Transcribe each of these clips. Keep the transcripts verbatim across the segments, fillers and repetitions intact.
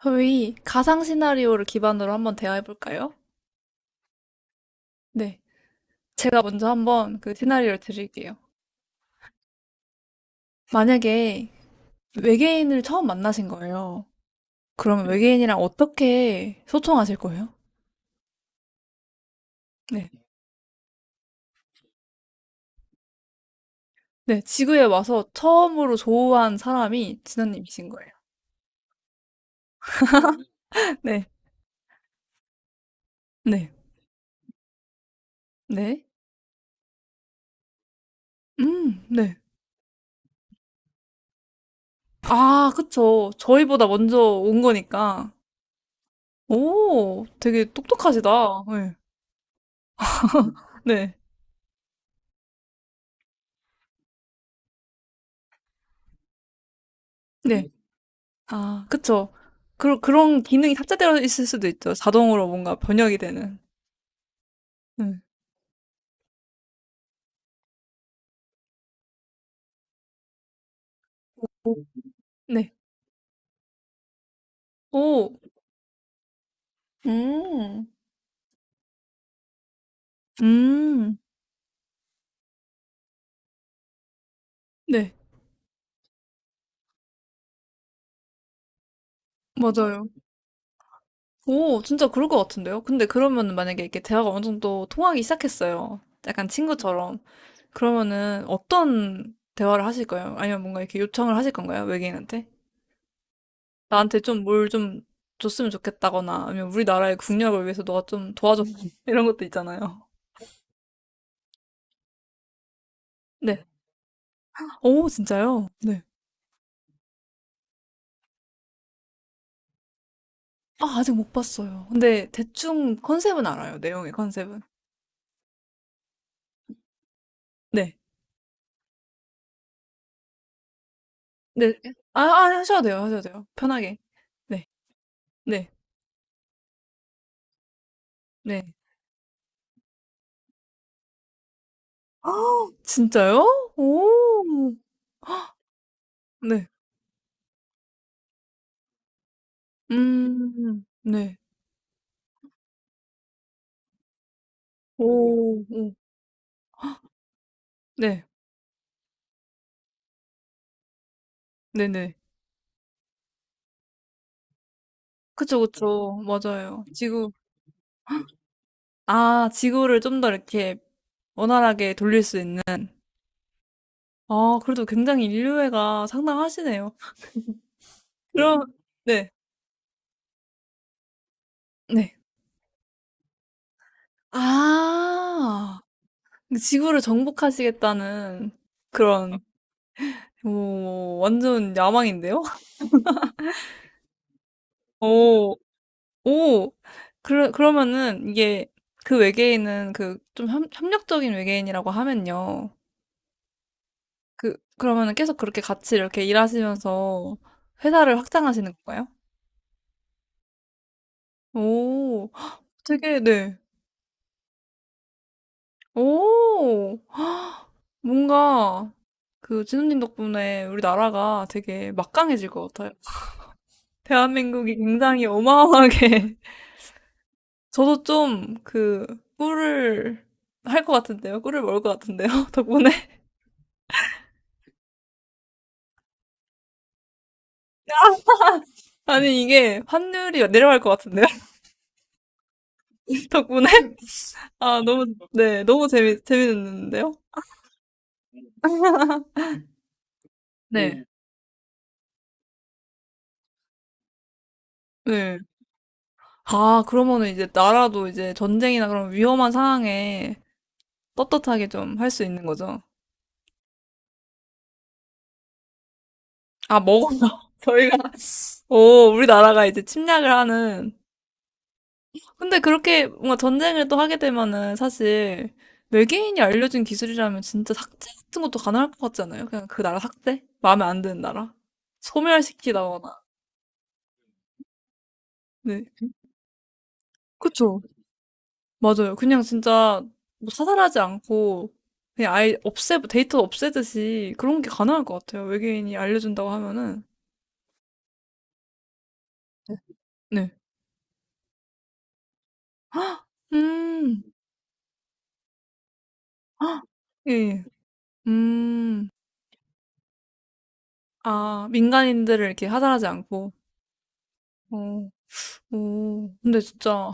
저희 가상 시나리오를 기반으로 한번 대화해 볼까요? 네. 제가 먼저 한번 그 시나리오를 드릴게요. 만약에 외계인을 처음 만나신 거예요. 그러면 외계인이랑 어떻게 소통하실 거예요? 네. 네. 지구에 와서 처음으로 조우한 사람이 진아님이신 거예요. 네. 네. 네. 음, 네. 아, 그쵸. 저희보다 먼저 온 거니까. 오, 되게 똑똑하시다. 네. 네. 네. 아, 그쵸. 그, 그런 기능이 탑재되어 있을 수도 있죠. 자동으로 뭔가 번역이 되는. 음. 네. 오, 음, 음, 네. 맞아요. 오, 진짜 그럴 것 같은데요? 근데 그러면 만약에 이렇게 대화가 어느 정도 통하기 시작했어요. 약간 친구처럼. 그러면은 어떤 대화를 하실 거예요? 아니면 뭔가 이렇게 요청을 하실 건가요? 외계인한테? 나한테 좀 뭘 좀 줬으면 좋겠다거나, 아니면 우리나라의 국력을 위해서 너가 좀 도와줘. 이런 것도 있잖아요. 네. 오, 진짜요? 네. 아 아직 못 봤어요. 근데 대충 컨셉은 알아요, 내용의 컨셉은. 네. 네. 아 아 하셔도 돼요, 하셔도 돼요. 편하게. 네. 네. 네. 아, 진짜요? 오. 네. 음. 네. 오. 오. 네. 네네. 그쵸, 그쵸. 맞아요. 지구 아 지구를 좀 더 이렇게 원활하게 돌릴 수 있는 아 그래도 굉장히 인류애가 상당하시네요. 그럼 네. 네. 아. 지구를 정복하시겠다는 그런, 오, 완전 야망인데요? 오, 오, 그러, 그러면은 이게 그 외계인은 그 좀 협력적인 외계인이라고 하면요. 그, 그러면은 계속 그렇게 같이 이렇게 일하시면서 회사를 확장하시는 건가요? 오, 되게, 네. 오, 뭔가 그 진우님 덕분에 우리 나라가 되게 막강해질 것 같아요. 대한민국이 굉장히 어마어마하게 저도 좀 그 꿀을 할 것 같은데요. 꿀을 먹을 것 같은데요. 덕분에. 아니, 이게 환율이 내려갈 것 같은데요. 덕분에. 아, 너무, 네, 너무 재미, 재밌는데요? 네. 네. 아, 그러면은 이제 나라도 이제 전쟁이나 그런 위험한 상황에 떳떳하게 좀 할 수 있는 거죠. 아, 먹었나? 저희가, 오, 우리나라가 이제 침략을 하는 근데 그렇게 뭔가 전쟁을 또 하게 되면은 사실 외계인이 알려준 기술이라면 진짜 삭제 같은 것도 가능할 것 같지 않아요? 그냥 그 나라 삭제? 마음에 안 드는 나라? 소멸시키다거나. 네. 그쵸. 맞아요. 그냥 진짜 뭐 사살하지 않고 그냥 아예 없애, 데이터 없애듯이 그런 게 가능할 것 같아요. 외계인이 알려준다고 하면은. 네. 음, 예, 예. 음, 아, 민간인들을 이렇게 하살하지 않고. 어, 오, 근데 진짜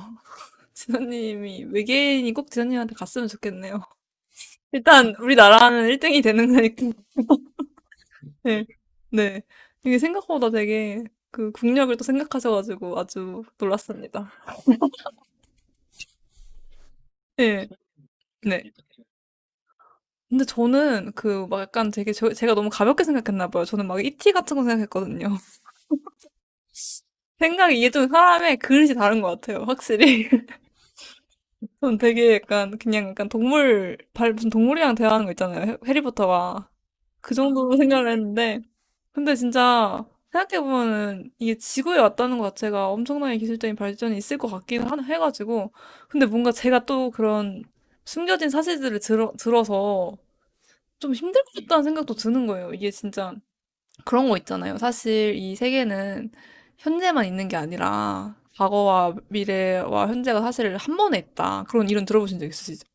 지선님이 외계인이 꼭 지선님한테 갔으면 좋겠네요. 일단 우리나라는 일 등이 되는 거니까. 네. 네. 이게 생각보다 되게 그 국력을 또 생각하셔가지고 아주 놀랐습니다. 네. 네. 근데 저는 그 막 약간 되게 저- 제가 너무 가볍게 생각했나 봐요. 저는 막 이티 같은 거 생각했거든요. 생각이 이게 좀 사람의 그릇이 다른 것 같아요. 확실히. 저는 되게 약간 그냥 약간 동물 발 무슨 동물이랑 대화하는 거 있잖아요. 해- 해리포터가 그 정도로 생각을 했는데 근데 진짜 생각해보면은 이게 지구에 왔다는 것 자체가 엄청나게 기술적인 발전이 있을 것 같긴 한, 해가지고. 근데 뭔가 제가 또 그런 숨겨진 사실들을 들어, 들어서 좀 힘들 것 같다는 생각도 드는 거예요. 이게 진짜 그런 거 있잖아요. 사실 이 세계는 현재만 있는 게 아니라 과거와 미래와 현재가 사실 한 번에 있다. 그런 이론 들어보신 적 있으시죠?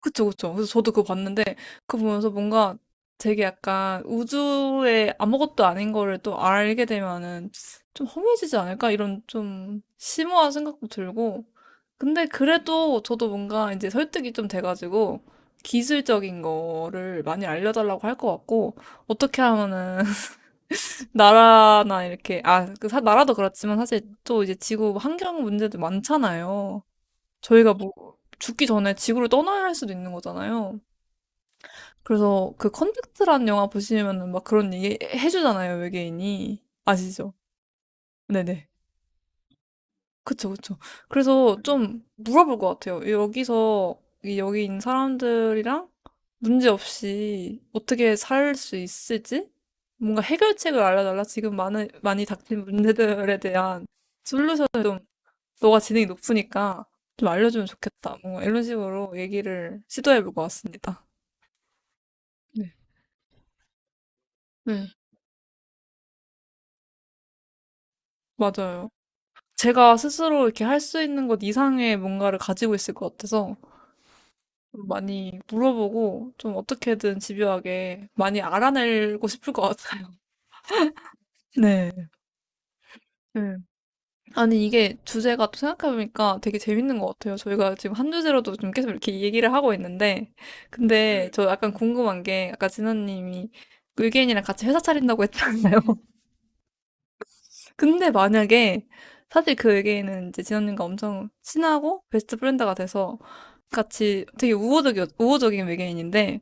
그쵸, 그쵸. 그래서 저도 그거 봤는데 그거 보면서 뭔가 되게 약간 우주에 아무것도 아닌 거를 또 알게 되면은 좀 허무해지지 않을까? 이런 좀 심오한 생각도 들고. 근데 그래도 저도 뭔가 이제 설득이 좀 돼가지고 기술적인 거를 많이 알려달라고 할 것 같고 어떻게 하면은 나라나 이렇게 아, 그 사- 나라도 그렇지만 사실 또 이제 지구 환경 문제도 많잖아요. 저희가 뭐 죽기 전에 지구를 떠나야 할 수도 있는 거잖아요. 그래서 그 컨택트란 영화 보시면은 막 그런 얘기 해주잖아요, 외계인이. 아시죠? 네네. 그쵸, 그쵸. 그래서 좀 물어볼 것 같아요. 여기서, 이 여기 있는 사람들이랑 문제없이 어떻게 살 수 있을지? 뭔가 해결책을 알려달라. 지금 많은, 많이 닥친 문제들에 대한 좀, 너가 지능이 높으니까 좀 알려주면 좋겠다. 뭔가 이런 식으로 얘기를 시도해볼 것 같습니다. 네. 네, 맞아요. 제가 스스로 이렇게 할 수 있는 것 이상의 뭔가를 가지고 있을 것 같아서 좀 많이 물어보고 좀 어떻게든 집요하게 많이 알아내고 싶을 것 같아요. 네. 네. 아니, 이게 주제가 또 생각해보니까 되게 재밌는 것 같아요. 저희가 지금 한 주제로도 좀 계속 이렇게 얘기를 하고 있는데, 근데 저 약간 궁금한 게, 아까 진아님이 의견이랑 같이 회사 차린다고 했잖아요. 근데 만약에 사실 그 외계인은 이제 진원님과 엄청 친하고 베스트 프렌드가 돼서 같이 되게 우호적이, 우호적인 외계인인데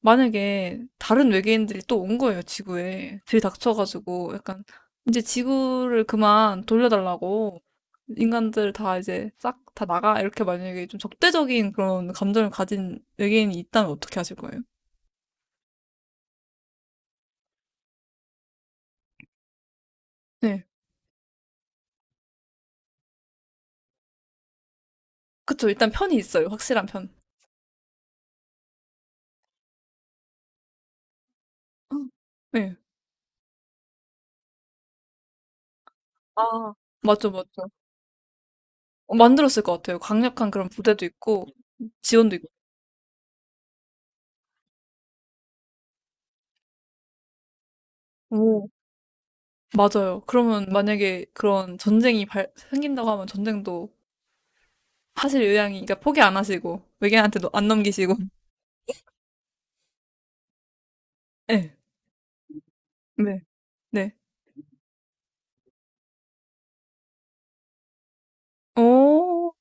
만약에 다른 외계인들이 또 온 거예요, 지구에. 들이닥쳐가지고 약간 이제 지구를 그만 돌려달라고 인간들 다 이제 싹 다 나가 이렇게 만약에 좀 적대적인 그런 감정을 가진 외계인이 있다면 어떻게 하실 거예요? 네. 그쵸. 일단 편이 있어요. 확실한 편. 응. 네. 아, 맞죠, 맞죠. 어 만들었을 것 같아요. 강력한 그런 부대도 있고 지원도 있고. 오. 맞아요. 그러면 만약에 그런 전쟁이 발 생긴다고 하면 전쟁도 하실 의향이 그러니까 포기 안 하시고 외계인한테도 안 넘기시고. 네. 네. 네. 오.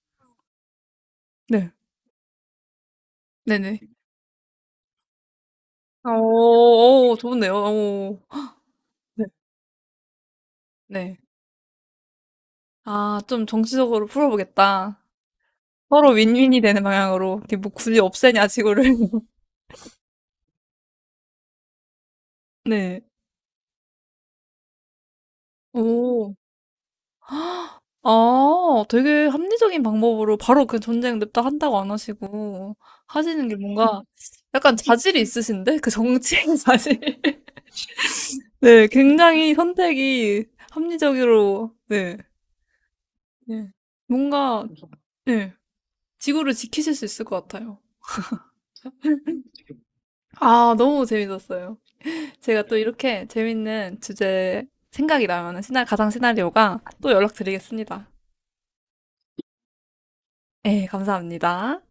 네. 네네. 오. 오, 좋은데요. 오. 네. 네. 아 좀 정치적으로 풀어 보겠다. 서로 윈윈이 되는 방향으로 이렇게 뭐 굳이 없애냐 지구를. 네. 오. 아 되게 합리적인 방법으로 바로 그 전쟁 냅다 한다고 안 하시고 하시는 게 뭔가 약간 자질이 있으신데? 그 정치의 자질. 네, 굉장히 선택이 합리적으로 네. 네. 뭔가 네. 지구를 지키실 수 있을 것 같아요. 아, 너무 재밌었어요. 제가 또 이렇게 재밌는 주제 생각이 나면은 시나 가상 시나리오가 또 연락드리겠습니다. 네, 감사합니다.